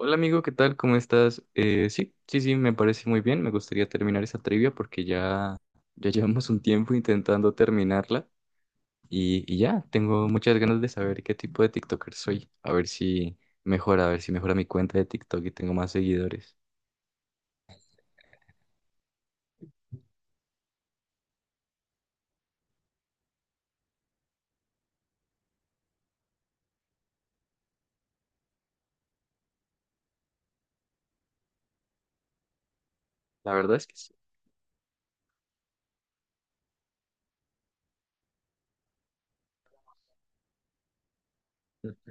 Hola amigo, ¿qué tal? ¿Cómo estás? Sí, me parece muy bien. Me gustaría terminar esa trivia porque ya llevamos un tiempo intentando terminarla y ya, tengo muchas ganas de saber qué tipo de TikToker soy. A ver si mejora mi cuenta de TikTok y tengo más seguidores. La verdad es que sí.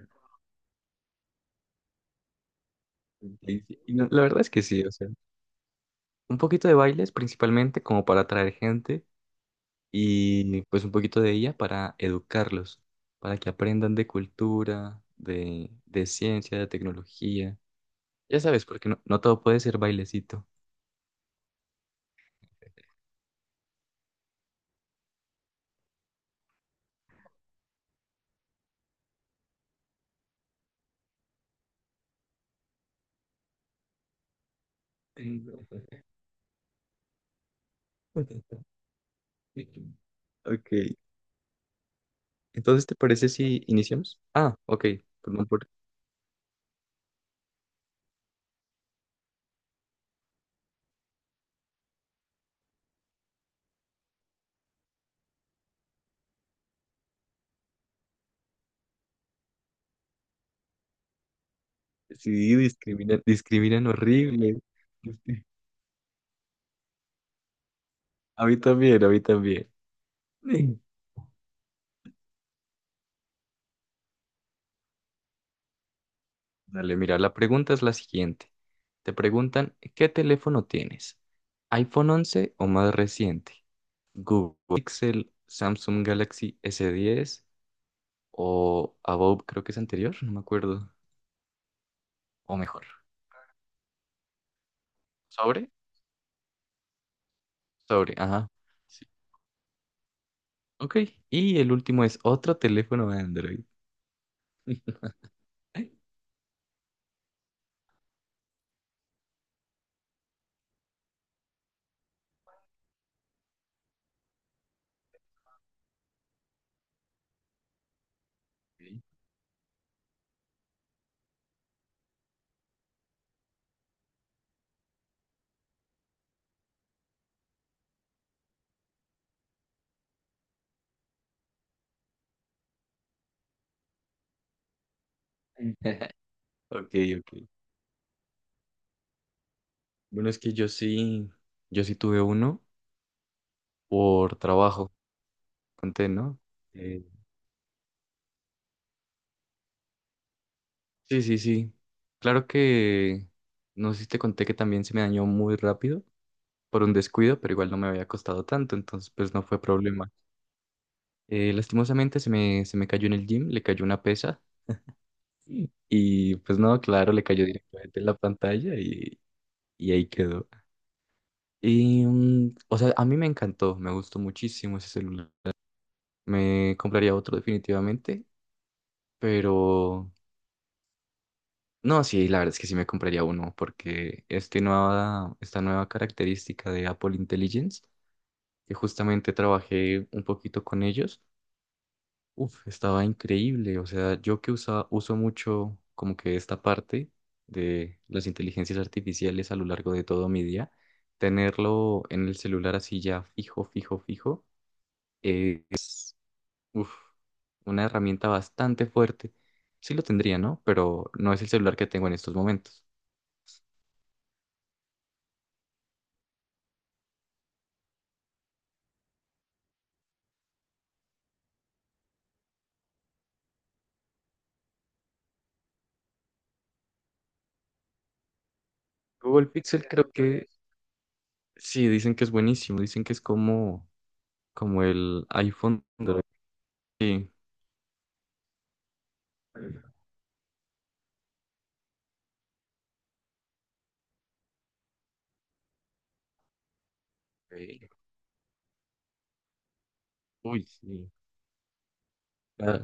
No, la verdad es que sí, o sea, un poquito de bailes principalmente como para atraer gente y pues un poquito de ella para educarlos, para que aprendan de cultura, de ciencia, de tecnología. Ya sabes, porque no todo puede ser bailecito. Ok, entonces, ¿te parece si iniciamos? Ah, ok, perdón por... Sí, discriminan horrible. Este, A mí también, a mí también. Sí. Dale, mira, la pregunta es la siguiente. Te preguntan, ¿qué teléfono tienes? ¿iPhone 11 o más reciente? Google Pixel, Samsung Galaxy S10 o Above, creo que es anterior, no me acuerdo. O mejor. ¿Sobre? Sobre, ajá. Sí. Ok. Y el último es otro teléfono de Android. Ok, ok. Ok. Bueno, es que yo sí tuve uno por trabajo, conté, ¿no? Eh, sí. Claro que, no sé si te conté que también se me dañó muy rápido por un descuido, pero igual no me había costado tanto, entonces pues no fue problema. Lastimosamente se me cayó en el gym, le cayó una pesa y pues no, claro, le cayó directamente en la pantalla y ahí quedó. Y, mm, o sea, a mí me encantó, me gustó muchísimo ese celular. Me compraría otro definitivamente, pero no, sí, la verdad es que sí me compraría uno porque esta nueva característica de Apple Intelligence, que justamente trabajé un poquito con ellos. Uf, estaba increíble. O sea, uso mucho como que esta parte de las inteligencias artificiales a lo largo de todo mi día, tenerlo en el celular así ya fijo, es uf, una herramienta bastante fuerte. Sí lo tendría, ¿no? Pero no es el celular que tengo en estos momentos. Google Pixel creo que sí, dicen que es buenísimo, dicen que es como, como el iPhone. Sí. Ok. Uy, sí. Ah,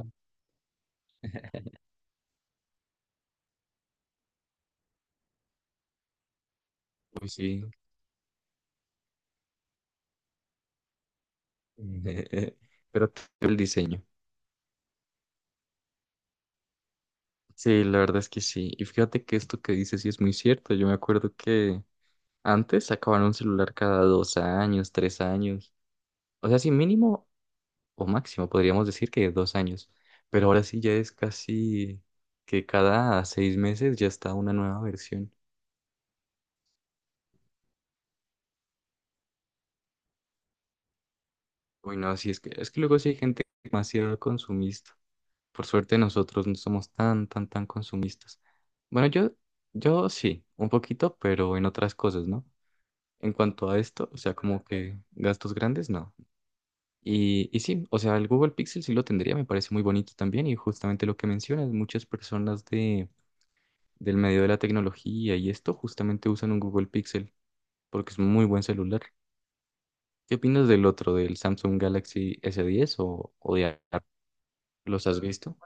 uy, sí. Pero todo el diseño. Sí, la verdad es que sí. Y fíjate que esto que dices sí es muy cierto. Yo me acuerdo que antes sacaban un celular cada 2 años, 3 años. O sea, sí, mínimo o máximo podríamos decir que 2 años. Pero ahora sí ya es casi que cada 6 meses ya está una nueva versión. Uy, no, sí, es que luego sí hay gente demasiado consumista. Por suerte nosotros no somos tan consumistas. Bueno, yo sí, un poquito, pero en otras cosas, ¿no? En cuanto a esto, o sea, como que gastos grandes, no. Y sí, o sea, el Google Pixel sí lo tendría, me parece muy bonito también. Y justamente lo que mencionas, muchas personas del medio de la tecnología y esto justamente usan un Google Pixel porque es un muy buen celular. ¿Qué opinas del otro, del Samsung Galaxy s diez o de Apple? ¿Los has visto?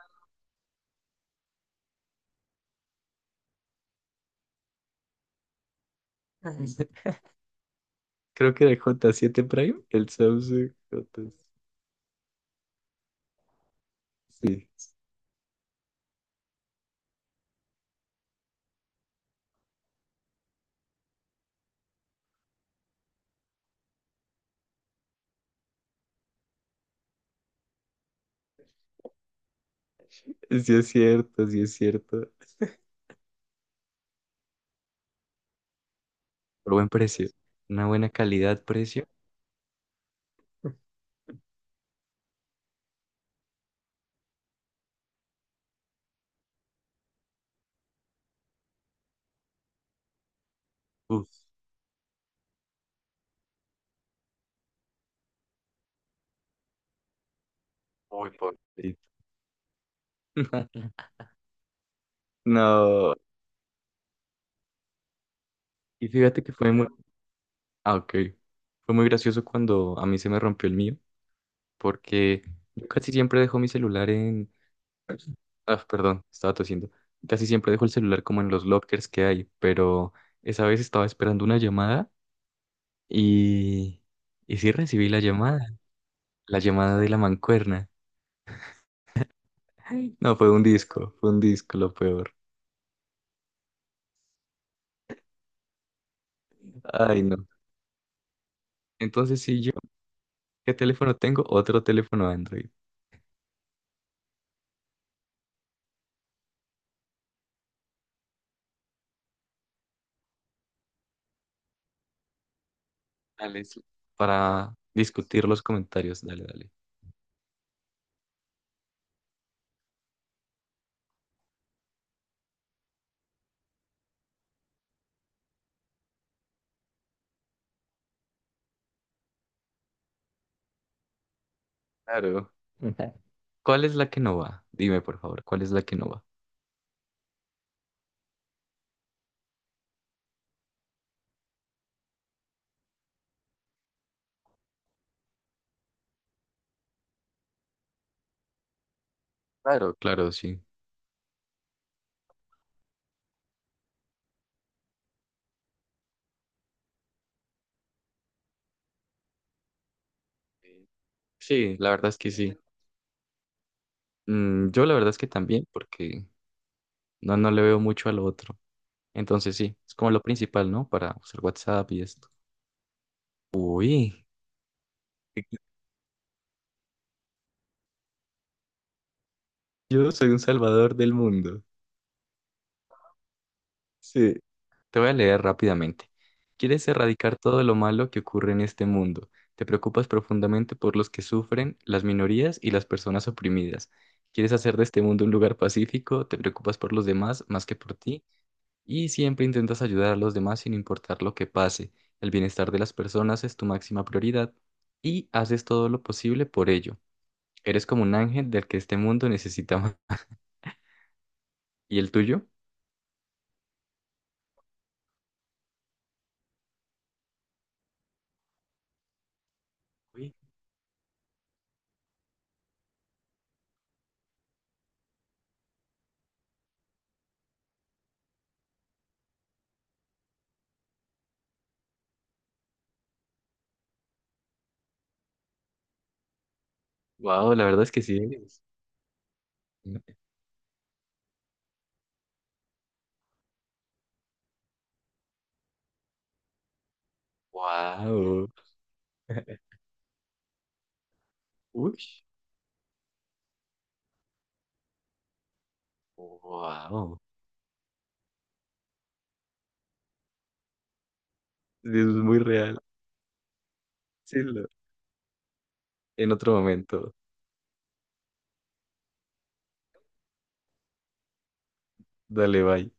Creo que de J7 Prime, el Samsung J. Sí, sí es cierto, sí es cierto. Por buen precio, una buena calidad-precio. Uf. Muy pobrecito. No, y fíjate que fue muy, ah, ok. Fue muy gracioso cuando a mí se me rompió el mío, porque yo casi siempre dejo mi celular en, ah, perdón, estaba tosiendo. Casi siempre dejo el celular como en los lockers que hay, pero esa vez estaba esperando una llamada y, y sí recibí la llamada de la mancuerna. Ay. No, fue un disco lo peor. Ay, no. Entonces, si yo, ¿qué teléfono tengo? Otro teléfono Android. Dale, sí, para discutir los comentarios. Dale, dale. Claro. Ujú. ¿Cuál es la que no va? Dime, por favor, ¿cuál es la que no va? Claro, claro, sí. Sí, la verdad es que sí. Mm, yo la verdad es que también, porque no le veo mucho a lo otro. Entonces sí, es como lo principal, ¿no? Para usar WhatsApp y esto. Uy, yo soy un salvador del mundo. Sí. Te voy a leer rápidamente. Quieres erradicar todo lo malo que ocurre en este mundo. Te preocupas profundamente por los que sufren, las minorías y las personas oprimidas. Quieres hacer de este mundo un lugar pacífico, te preocupas por los demás más que por ti y siempre intentas ayudar a los demás sin importar lo que pase. El bienestar de las personas es tu máxima prioridad y haces todo lo posible por ello. Eres como un ángel del que este mundo necesita más. ¿Y el tuyo? Wow, la verdad es que sí eres. Wow. Uy, wow. Es muy real. Sí, lo- en otro momento. Dale, bye.